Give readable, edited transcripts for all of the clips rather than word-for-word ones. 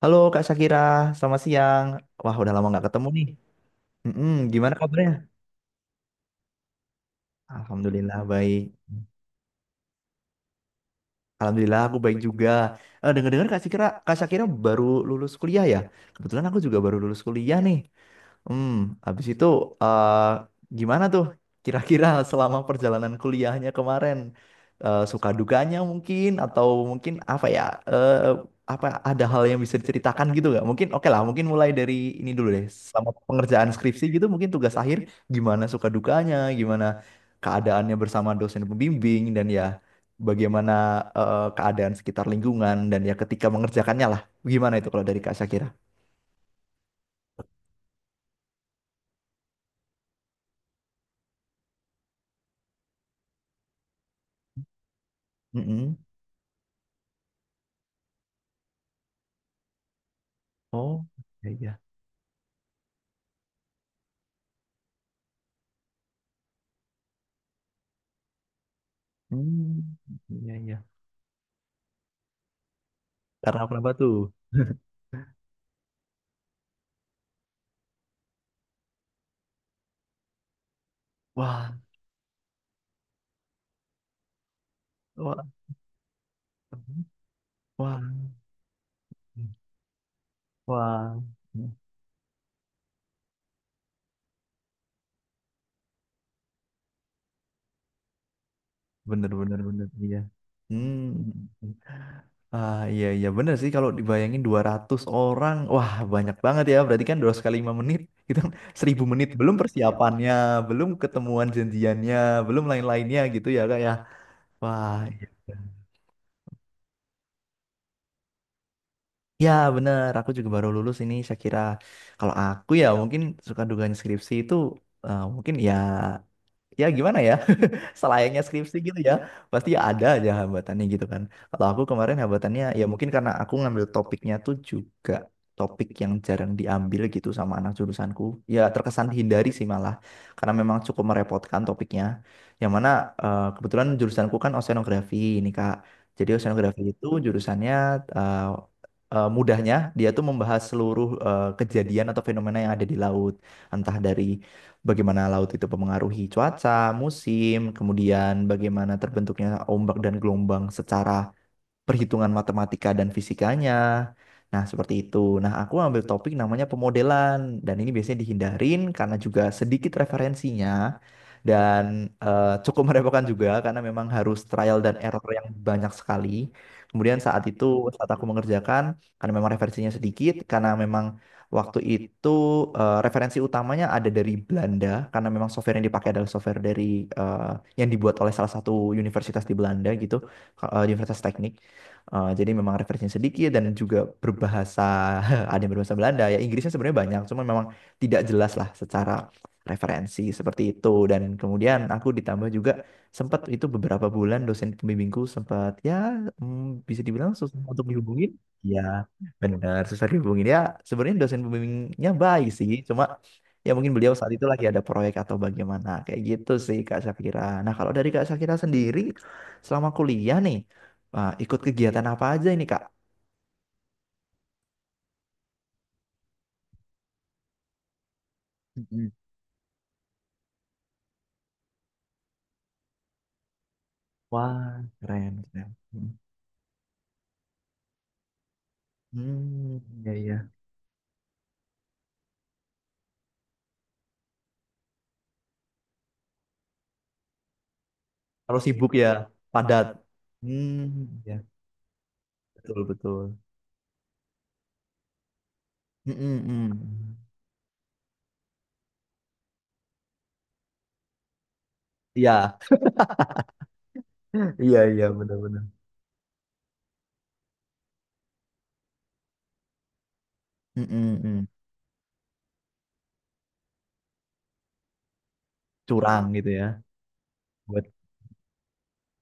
Halo Kak Shakira, selamat siang. Wah, udah lama nggak ketemu nih. Mm-mm, gimana kabarnya? Alhamdulillah baik. Alhamdulillah aku baik juga. Dengar-dengar Kak Sakira, Kak Sakira baru lulus kuliah ya? Kebetulan aku juga baru lulus kuliah nih. Hmm, habis itu eh, gimana tuh kira-kira selama perjalanan kuliahnya kemarin? Suka dukanya mungkin atau mungkin apa ya? Eh, Apa ada hal yang bisa diceritakan gitu nggak? Mungkin oke lah, mungkin mulai dari ini dulu deh. Selama pengerjaan skripsi gitu mungkin tugas akhir gimana suka dukanya, gimana keadaannya bersama dosen pembimbing dan ya bagaimana keadaan sekitar lingkungan dan ya ketika mengerjakannya lah. Gimana itu kalau dari Kak Syakira? Mm-mm. Oh, iya iya. Hmm, iya iya. Karena kenapa tuh? Wah, wah, wah, wah. Bener bener bener iya. Hmm. Ah, iya iya bener sih kalau dibayangin 200 orang, wah banyak banget ya. Berarti kan 2 kali 5 menit itu kan 1000 menit belum persiapannya, belum ketemuan janjiannya, belum lain-lainnya gitu ya Kak ya. Wah, iya. Ya bener, aku juga baru lulus ini. Saya kira kalau aku ya mungkin suka dugaan skripsi itu mungkin ya ya gimana ya selayaknya skripsi gitu ya pasti ya ada aja hambatannya gitu kan kalau aku kemarin hambatannya ya mungkin karena aku ngambil topiknya tuh juga topik yang jarang diambil gitu sama anak jurusanku ya terkesan dihindari sih malah karena memang cukup merepotkan topiknya yang mana kebetulan jurusanku kan oceanografi ini kak jadi oceanografi itu jurusannya eh, mudahnya dia tuh membahas seluruh kejadian atau fenomena yang ada di laut entah dari bagaimana laut itu mempengaruhi cuaca, musim, kemudian bagaimana terbentuknya ombak dan gelombang secara perhitungan matematika dan fisikanya. Nah, seperti itu. Nah, aku ambil topik namanya pemodelan dan ini biasanya dihindarin karena juga sedikit referensinya dan cukup merepotkan juga karena memang harus trial dan error yang banyak sekali. Kemudian saat itu saat aku mengerjakan karena memang referensinya sedikit karena memang waktu itu referensi utamanya ada dari Belanda karena memang software yang dipakai adalah software dari eh, yang dibuat oleh salah satu universitas di Belanda gitu, Universitas Teknik. Jadi memang referensinya sedikit dan juga berbahasa ada yang berbahasa Belanda ya Inggrisnya sebenarnya banyak cuma memang tidak jelas lah secara referensi seperti itu dan kemudian aku ditambah juga sempat itu beberapa bulan dosen pembimbingku sempat ya bisa dibilang susah untuk dihubungin ya benar susah dihubungin ya sebenarnya dosen pembimbingnya baik sih cuma ya mungkin beliau saat itu lagi ada proyek atau bagaimana kayak gitu sih Kak Syafira nah kalau dari Kak Syafira sendiri selama kuliah nih. Wah, ikut kegiatan apa aja ini, Kak? Mm-mm. Wah, keren, keren. Mm. Hmm, iya, iya. Harus sibuk ya, padat. Hmm, ya betul, betul. Mm-mm, mm. Iya, iya, iya, benar-benar. Mm-mm, mm. Curang gitu ya. Buat,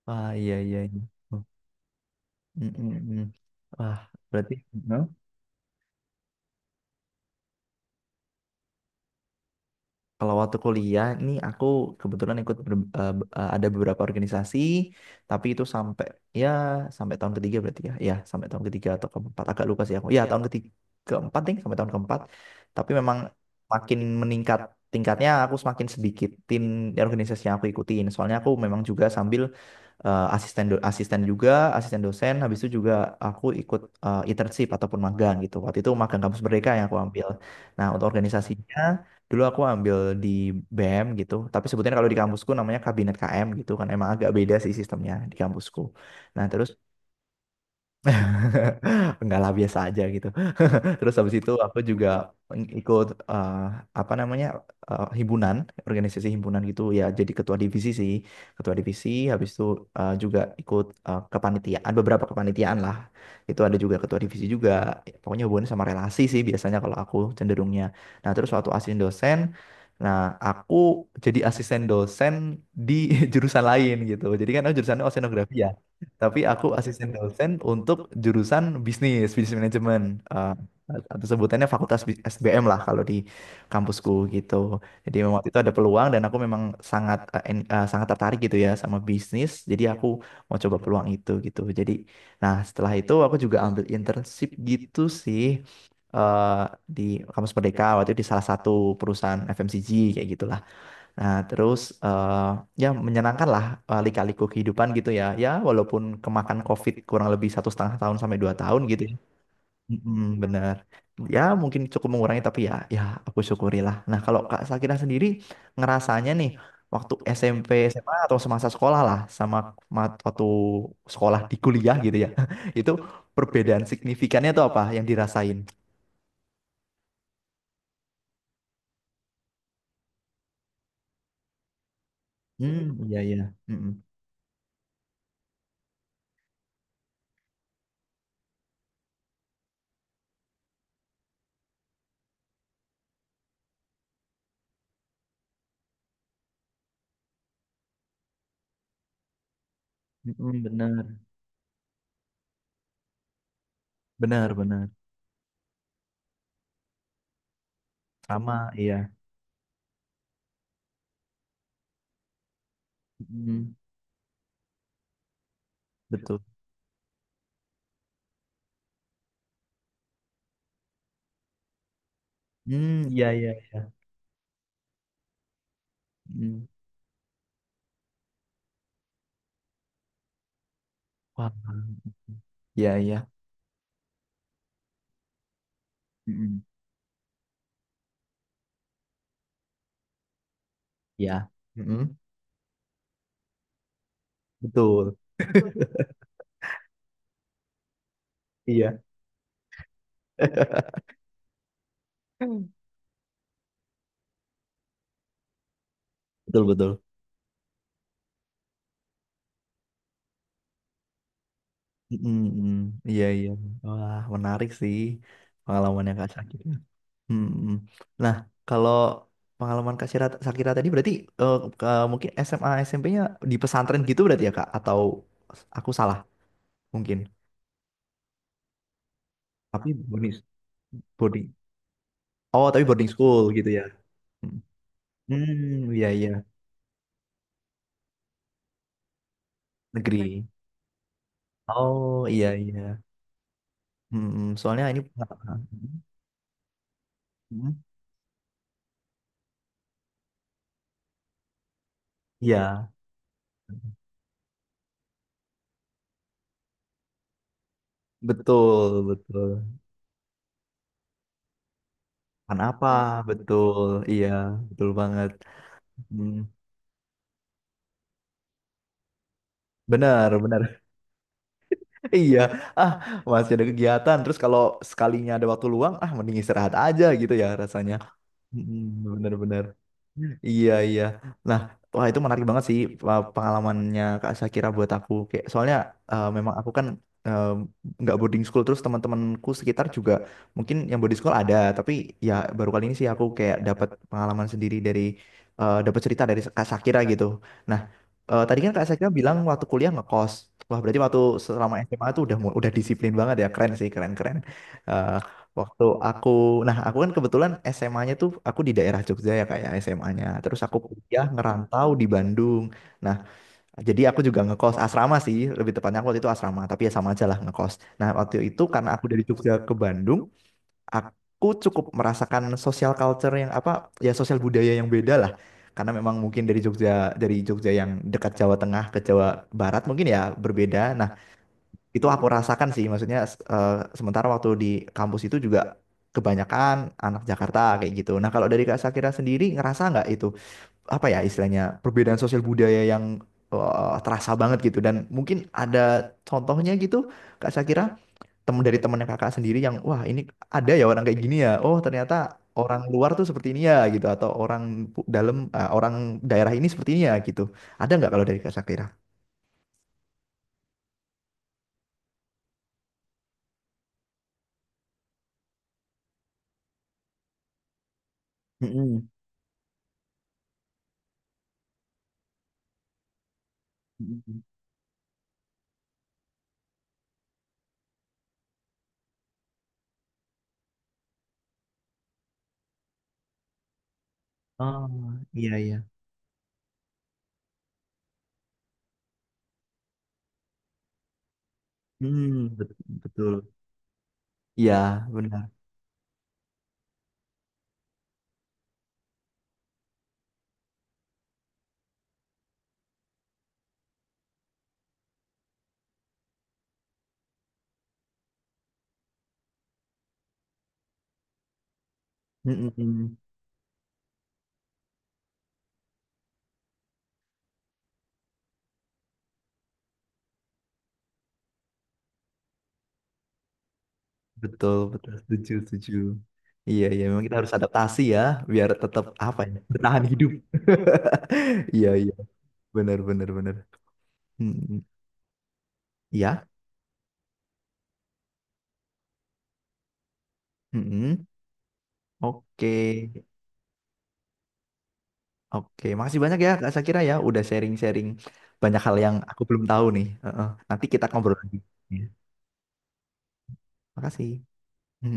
ah iya, iya, iya. Oh, mm-mm, mm. Wah, berarti no? Kalau waktu kuliah nih aku kebetulan ikut ber- eh, b- eh, ada beberapa organisasi, tapi itu sampai ya sampai tahun ketiga berarti ya, ya sampai tahun ketiga atau keempat agak lupa sih aku. Ya tahun ketiga keempat nih sampai tahun keempat, tapi memang makin meningkat tingkatnya aku semakin sedikitin organisasi yang aku ikutin. Soalnya aku memang juga sambil asisten juga, asisten dosen, habis itu juga aku ikut internship ataupun magang gitu. Waktu itu magang kampus mereka yang aku ambil. Nah, untuk organisasinya dulu aku ambil di BM gitu tapi sebetulnya kalau di kampusku namanya kabinet KM gitu kan emang agak beda sih sistemnya di kampusku nah terus enggak lah biasa aja gitu. Terus habis itu aku juga ikut eh, apa namanya himpunan, organisasi himpunan gitu ya jadi ketua divisi sih. Ketua divisi habis itu juga ikut kepanitiaan beberapa kepanitiaan lah. Itu ada juga ketua divisi juga. Ya, pokoknya hubungannya sama relasi sih biasanya kalau aku cenderungnya. Nah, terus waktu asisten dosen nah, aku jadi asisten dosen di jurusan lain gitu. Jadi kan aku jurusannya oceanografi ya. Tapi aku asisten dosen untuk jurusan bisnis, bisnis manajemen. eh, atau sebutannya SBM lah kalau di kampusku gitu. Jadi memang waktu itu ada peluang dan aku memang sangat sangat tertarik gitu ya sama bisnis. Jadi aku mau coba peluang itu gitu. Jadi nah setelah itu aku juga ambil internship gitu sih eh, di kampus Merdeka waktu itu di salah satu perusahaan FMCG kayak gitulah. Nah, terus eh, ya menyenangkan lah lika-liku kehidupan gitu ya. Ya, walaupun kemakan COVID kurang lebih satu setengah tahun sampai dua tahun gitu ya. Mm-mm, bener. Ya, mungkin cukup mengurangi tapi ya, ya aku syukurilah. Nah, kalau Kak Sakira sendiri ngerasanya nih waktu SMP, SMA atau semasa sekolah lah sama waktu sekolah di kuliah gitu ya. Itu perbedaan signifikannya tuh apa yang dirasain? Hmm, iya iya. Mm-mm. Mm-mm, bener, bener, bener. Sama, iya. Mm-mm. Betul. Hmm, iya iya iya. Hmm, wah. Iya iya. Mm-mm. Ya. Mm-mm. Betul. Iya. Betul betul. Mm-mm, mm. Iya iya. Wah, menarik sih pengalamannya Kak Sakira. Mm-mm. Nah, kalau pengalaman Sakira tadi berarti mungkin SMA SMP-nya di pesantren gitu berarti ya Kak atau aku salah mungkin. Tapi boarding boarding. Oh, tapi boarding school gitu ya. Mm. Hmm, iya iya. Negeri. Oh iya iya. Mm, soalnya ini pengalaman. Mm, iya betul betul. Kan apa? Betul. Iya betul banget. Mm, benar benar. Iya. Ah masih ada kegiatan. Terus kalau sekalinya ada waktu luang, ah mending istirahat aja gitu ya rasanya. Mm-mm, benar-benar. Iya iya. Nah, wah itu menarik banget sih pengalamannya Kak Sakira buat aku. Kayak soalnya memang aku kan eh, nggak boarding school terus teman-temanku sekitar juga mungkin yang boarding school ada, tapi ya baru kali ini sih aku kayak dapat pengalaman sendiri dari dapat cerita dari Kak Sakira gitu. Nah, tadi kan Kak Sakira bilang waktu kuliah ngekos. Wah, berarti waktu selama SMA tuh udah disiplin banget ya. Keren sih, keren-keren. Waktu aku, nah aku kan kebetulan SMA-nya tuh aku di daerah Jogja ya kayak SMA-nya. Terus aku kuliah ngerantau di Bandung. Nah, jadi aku juga ngekos asrama sih, lebih tepatnya aku waktu itu asrama, tapi ya sama aja lah ngekos. Nah, waktu itu karena aku dari Jogja ke Bandung, aku cukup merasakan social culture yang apa, ya sosial budaya yang beda lah. Karena memang mungkin dari Jogja yang dekat Jawa Tengah ke Jawa Barat mungkin ya berbeda. Nah, itu aku rasakan sih, maksudnya eh, sementara waktu di kampus itu juga kebanyakan anak Jakarta kayak gitu. Nah, kalau dari Kak Sakira sendiri ngerasa nggak itu apa ya istilahnya perbedaan sosial budaya yang terasa banget gitu dan mungkin ada contohnya gitu Kak Sakira temen dari temennya kakak sendiri yang wah ini ada ya orang kayak gini ya. Oh, ternyata orang luar tuh seperti ini ya gitu atau orang orang daerah ini seperti ini ya gitu. Ada nggak kalau dari Kak Sakira? Mm-mm. Mm-mm. Oh, iya iya. Hmm, bet- betul. Iya, benar. Mm-mm. Betul, betul. Setuju, setuju. Iya, iya. Memang kita harus adaptasi ya, biar tetap apa ya, bertahan hidup. Iya, iya. Benar, benar, benar. Mm-mm. Iya. Mm-mm. Oke, oke. Makasih banyak ya, Kak Sakira ya, udah sharing-sharing banyak hal yang aku belum tahu nih. Heeh. Nanti kita ngobrol lagi. Iya. Makasih. Mm.